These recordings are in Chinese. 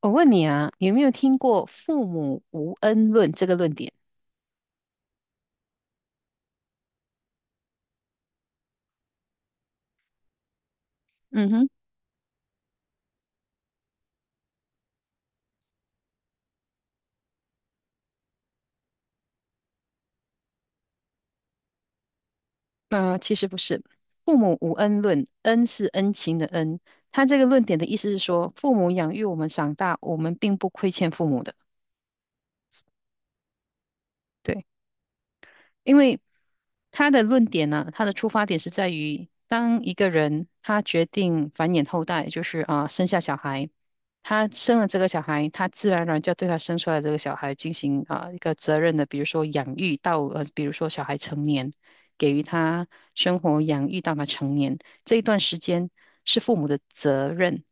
我问你啊，有没有听过"父母无恩论"这个论点？嗯哼。其实不是，"父母无恩论"，恩是恩情的恩。他这个论点的意思是说，父母养育我们长大，我们并不亏欠父母的。对。因为他的出发点是在于，当一个人他决定繁衍后代，生下小孩，他生了这个小孩，他自然而然就要对他生出来的这个小孩进行一个责任的，比如说养育到比如说小孩成年，给予他生活养育到他成年这一段时间是父母的责任，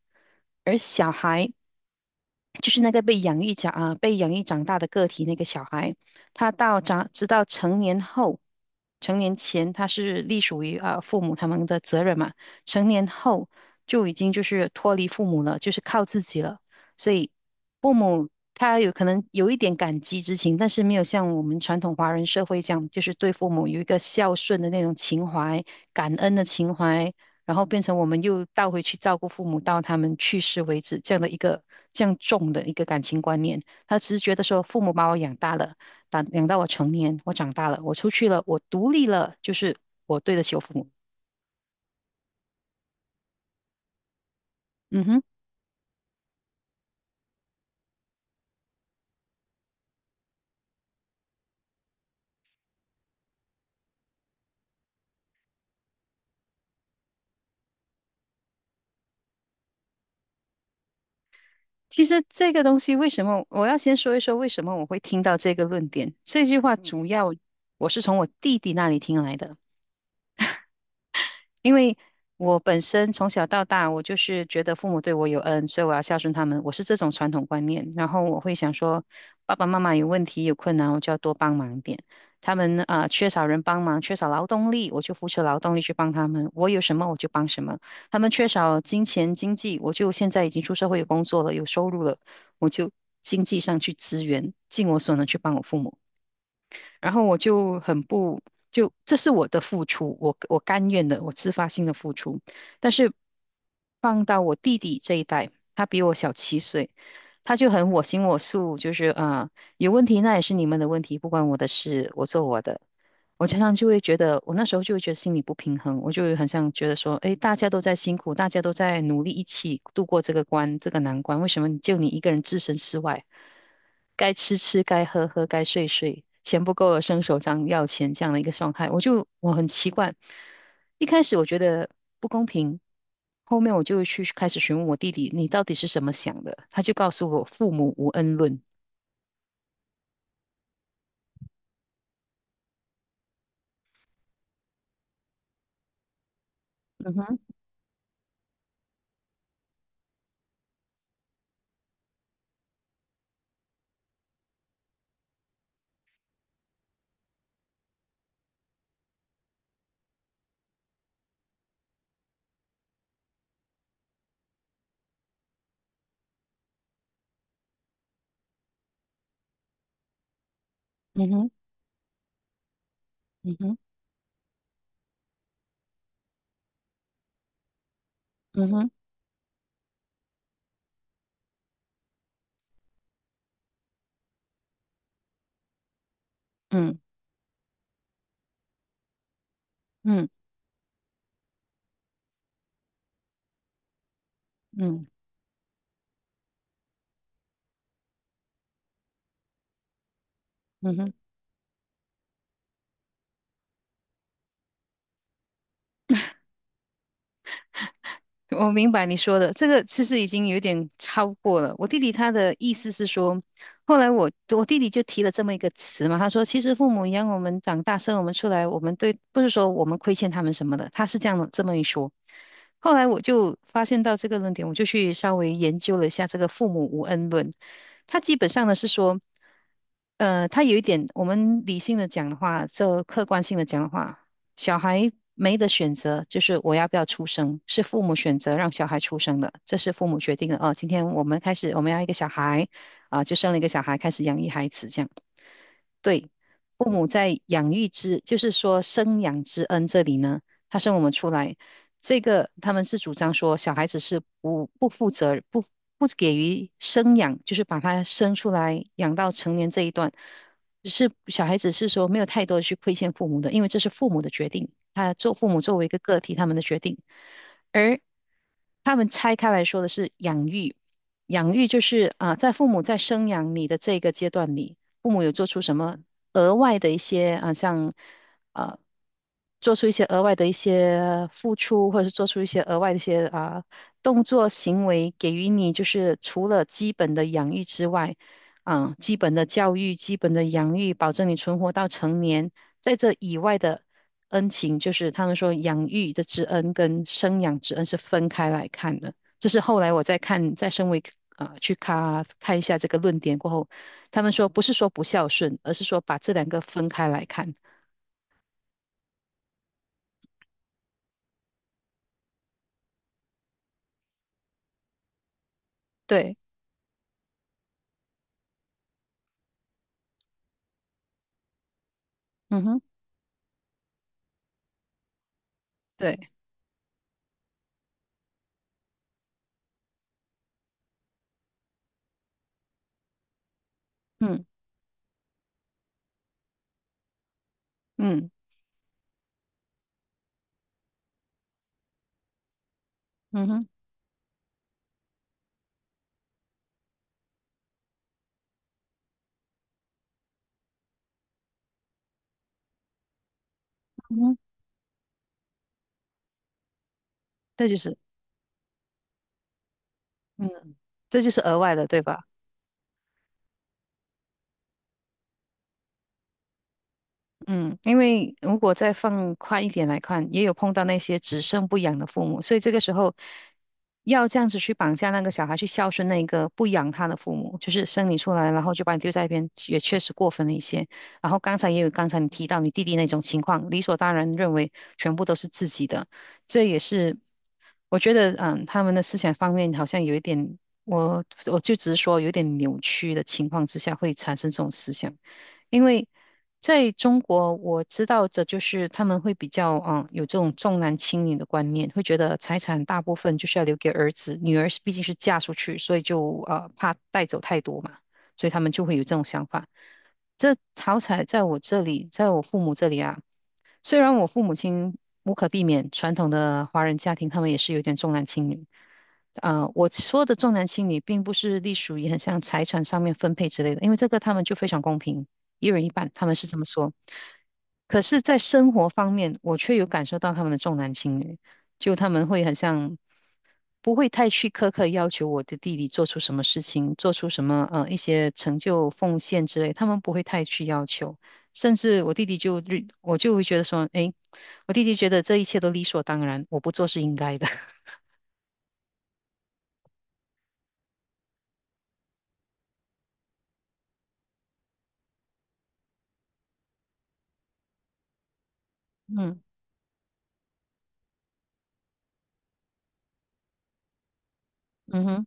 而小孩就是那个被养育长大的个体那个小孩，他直到成年后，成年前他是隶属于父母他们的责任嘛，成年后就已经就是脱离父母了，就是靠自己了，所以父母。他有可能有一点感激之情，但是没有像我们传统华人社会这样，就是对父母有一个孝顺的那种情怀、感恩的情怀，然后变成我们又倒回去照顾父母到他们去世为止，这样重的一个感情观念。他只是觉得说，父母把我养大了，养到我成年，我长大了，我出去了，我独立了，就是我对得起我父母。嗯哼。其实这个东西为什么我要先说一说为什么我会听到这个论点？这句话主要我是从我弟弟那里听来的。因为我本身从小到大，我就是觉得父母对我有恩，所以我要孝顺他们。我是这种传统观念，然后我会想说，爸爸妈妈有问题有困难，我就要多帮忙一点。他们缺少人帮忙，缺少劳动力，我就付出劳动力去帮他们。我有什么我就帮什么。他们缺少金钱经济，我就现在已经出社会有工作了，有收入了，我就经济上去支援，尽我所能去帮我父母。然后我就很不，就这是我的付出，我甘愿的，我自发性的付出。但是放到我弟弟这一代，他比我小7岁，他就很我行我素，有问题那也是你们的问题，不关我的事，我做我的。我常常就会觉得，我那时候就会觉得心里不平衡，我就会很想觉得说，诶，大家都在辛苦，大家都在努力，一起度过这个关，这个难关，为什么就你一个人置身事外？该吃吃，该喝喝，该睡睡，钱不够了伸手张要钱这样的一个状态，我很奇怪。一开始我觉得不公平，后面我就去开始询问我弟弟，你到底是怎么想的？他就告诉我，父母无恩论。嗯哼，嗯哼，嗯哼，嗯哼，嗯嗯嗯嗯哼。我明白你说的，这个其实已经有点超过了。我弟弟他的意思是说，后来我我弟弟就提了这么一个词嘛，他说其实父母养我们长大，生我们出来，我们不是说我们亏欠他们什么的，他是这样的这么一说。后来我就发现到这个论点，我就去稍微研究了一下这个父母无恩论，他基本上呢是说。他有一点，我们理性的讲的话，就客观性的讲的话，小孩没得选择，就是我要不要出生，是父母选择让小孩出生的，这是父母决定的。哦，今天我们开始，我们要一个小孩，就生了一个小孩，开始养育孩子，这样。对。父母在养育之，就是说生养之恩这里呢，他生我们出来，这个他们是主张说小孩子是不负责、不给予生养，就是把他生出来养到成年这一段，是小孩子是说没有太多去亏欠父母的，因为这是父母的决定，他做父母作为一个个体他们的决定，而他们拆开来说的是养育，养育就是在父母在生养你的这个阶段里。父母有做出什么额外的一些啊，做出一些额外的一些付出，或者是做出一些额外的一些动作行为，给予你就是除了基本的养育之外，基本的教育、基本的养育，保证你存活到成年，在这以外的。恩情就是他们说养育的之恩跟生养之恩是分开来看的，这是后来我在看，在身为啊、呃去看看一下这个论点过后，他们说不是说不孝顺，而是说把这两个分开来看。对，嗯哼，对，嗯嗯嗯哼嗯哼，这就是嗯，这就是额外的，对吧？嗯，因为如果再放宽一点来看，也有碰到那些只生不养的父母，所以这个时候要这样子去绑架那个小孩去孝顺那个不养他的父母，就是生你出来，然后就把你丢在一边，也确实过分了一些。然后刚才你提到你弟弟那种情况，理所当然认为全部都是自己的，这也是我觉得，嗯，他们的思想方面好像有一点，我就直说有点扭曲的情况之下会产生这种思想。因为在中国，我知道的就是他们会比较有这种重男轻女的观念，会觉得财产大部分就是要留给儿子，女儿是毕竟是嫁出去，所以就怕带走太多嘛，所以他们就会有这种想法。这好彩在我这里，在我父母这里啊，虽然我父母亲无可避免，传统的华人家庭他们也是有点重男轻女。我说的重男轻女，并不是隶属于很像财产上面分配之类的，因为这个他们就非常公平，一人一半，他们是这么说。可是，在生活方面，我却有感受到他们的重男轻女，就他们会很像不会太去苛刻要求我的弟弟做出什么事情，做出什么一些成就奉献之类，他们不会太去要求。甚至我弟弟我就会觉得说，诶，我弟弟觉得这一切都理所当然，我不做是应该的。嗯嗯哼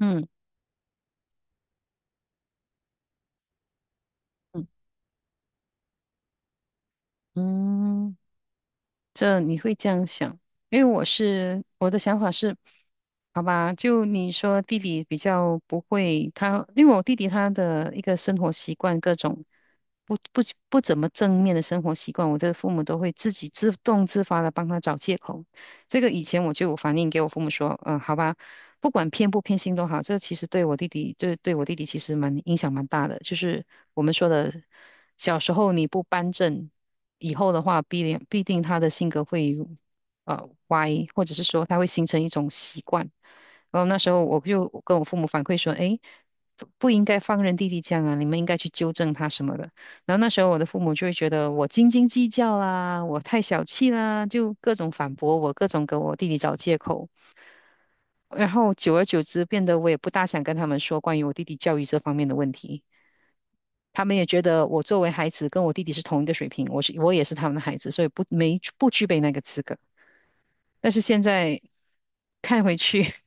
嗯嗯嗯。这你会这样想，因为我的想法是，好吧，就你说弟弟比较不会，因为我弟弟他的一个生活习惯，各种不不不怎么正面的生活习惯，我的父母都会自己自动自发的帮他找借口。这个以前我就有反映给我父母说，好吧，不管偏不偏心都好，这其实对我弟弟，就是对我弟弟其实蛮影响蛮大的。就是我们说的，小时候你不扳正，以后的话必定他的性格会歪，或者是说他会形成一种习惯。然后那时候我就跟我父母反馈说，诶，不应该放任弟弟这样啊，你们应该去纠正他什么的。然后那时候我的父母就会觉得我斤斤计较啦，我太小气啦，就各种反驳我，各种给我弟弟找借口。然后久而久之，变得我也不大想跟他们说关于我弟弟教育这方面的问题。他们也觉得我作为孩子跟我弟弟是同一个水平，我也是他们的孩子，所以不具备那个资格。但是现在看回去，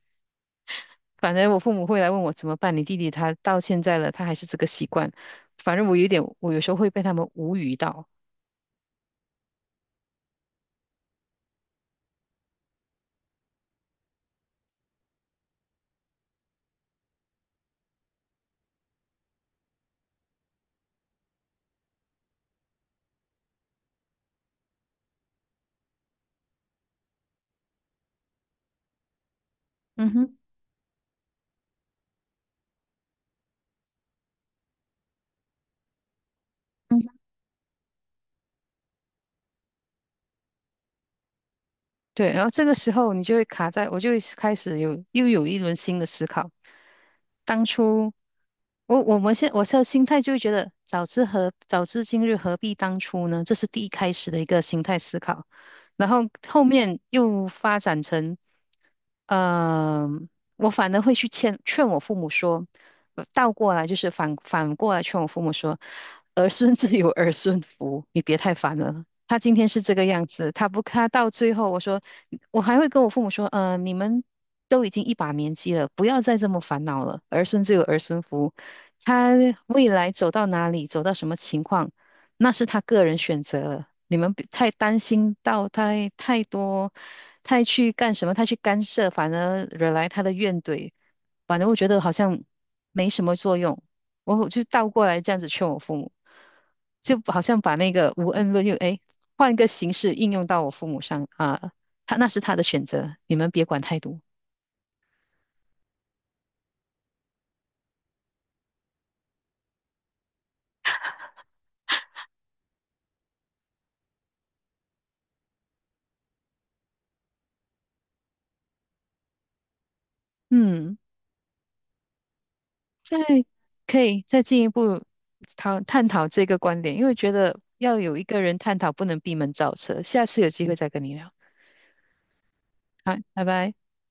反正我父母会来问我怎么办，你弟弟他到现在了，他还是这个习惯。反正我有点，我有时候会被他们无语到。嗯哼，嗯对，然后这个时候你就会卡在，我就会开始又有一轮新的思考。当初我现在心态就会觉得，早知今日何必当初呢？这是第一开始的一个心态思考，然后后面又发展成。嗯，我反而会去劝劝我父母说，倒过来就是反过来劝我父母说，儿孙自有儿孙福，你别太烦了。他今天是这个样子，他不，他到最后，我还会跟我父母说，你们都已经一把年纪了，不要再这么烦恼了。儿孙自有儿孙福，他未来走到哪里，走到什么情况，那是他个人选择了，你们不太担心到太多，太去干什么，太去干涉，反而惹来他的怨怼，反正我觉得好像没什么作用。我就倒过来这样子劝我父母，就好像把那个无恩论换一个形式应用到我父母上啊，他那是他的选择，你们别管太多。嗯。再可以再进一步探讨这个观点，因为觉得要有一个人探讨，不能闭门造车。下次有机会再跟你聊。好，拜拜。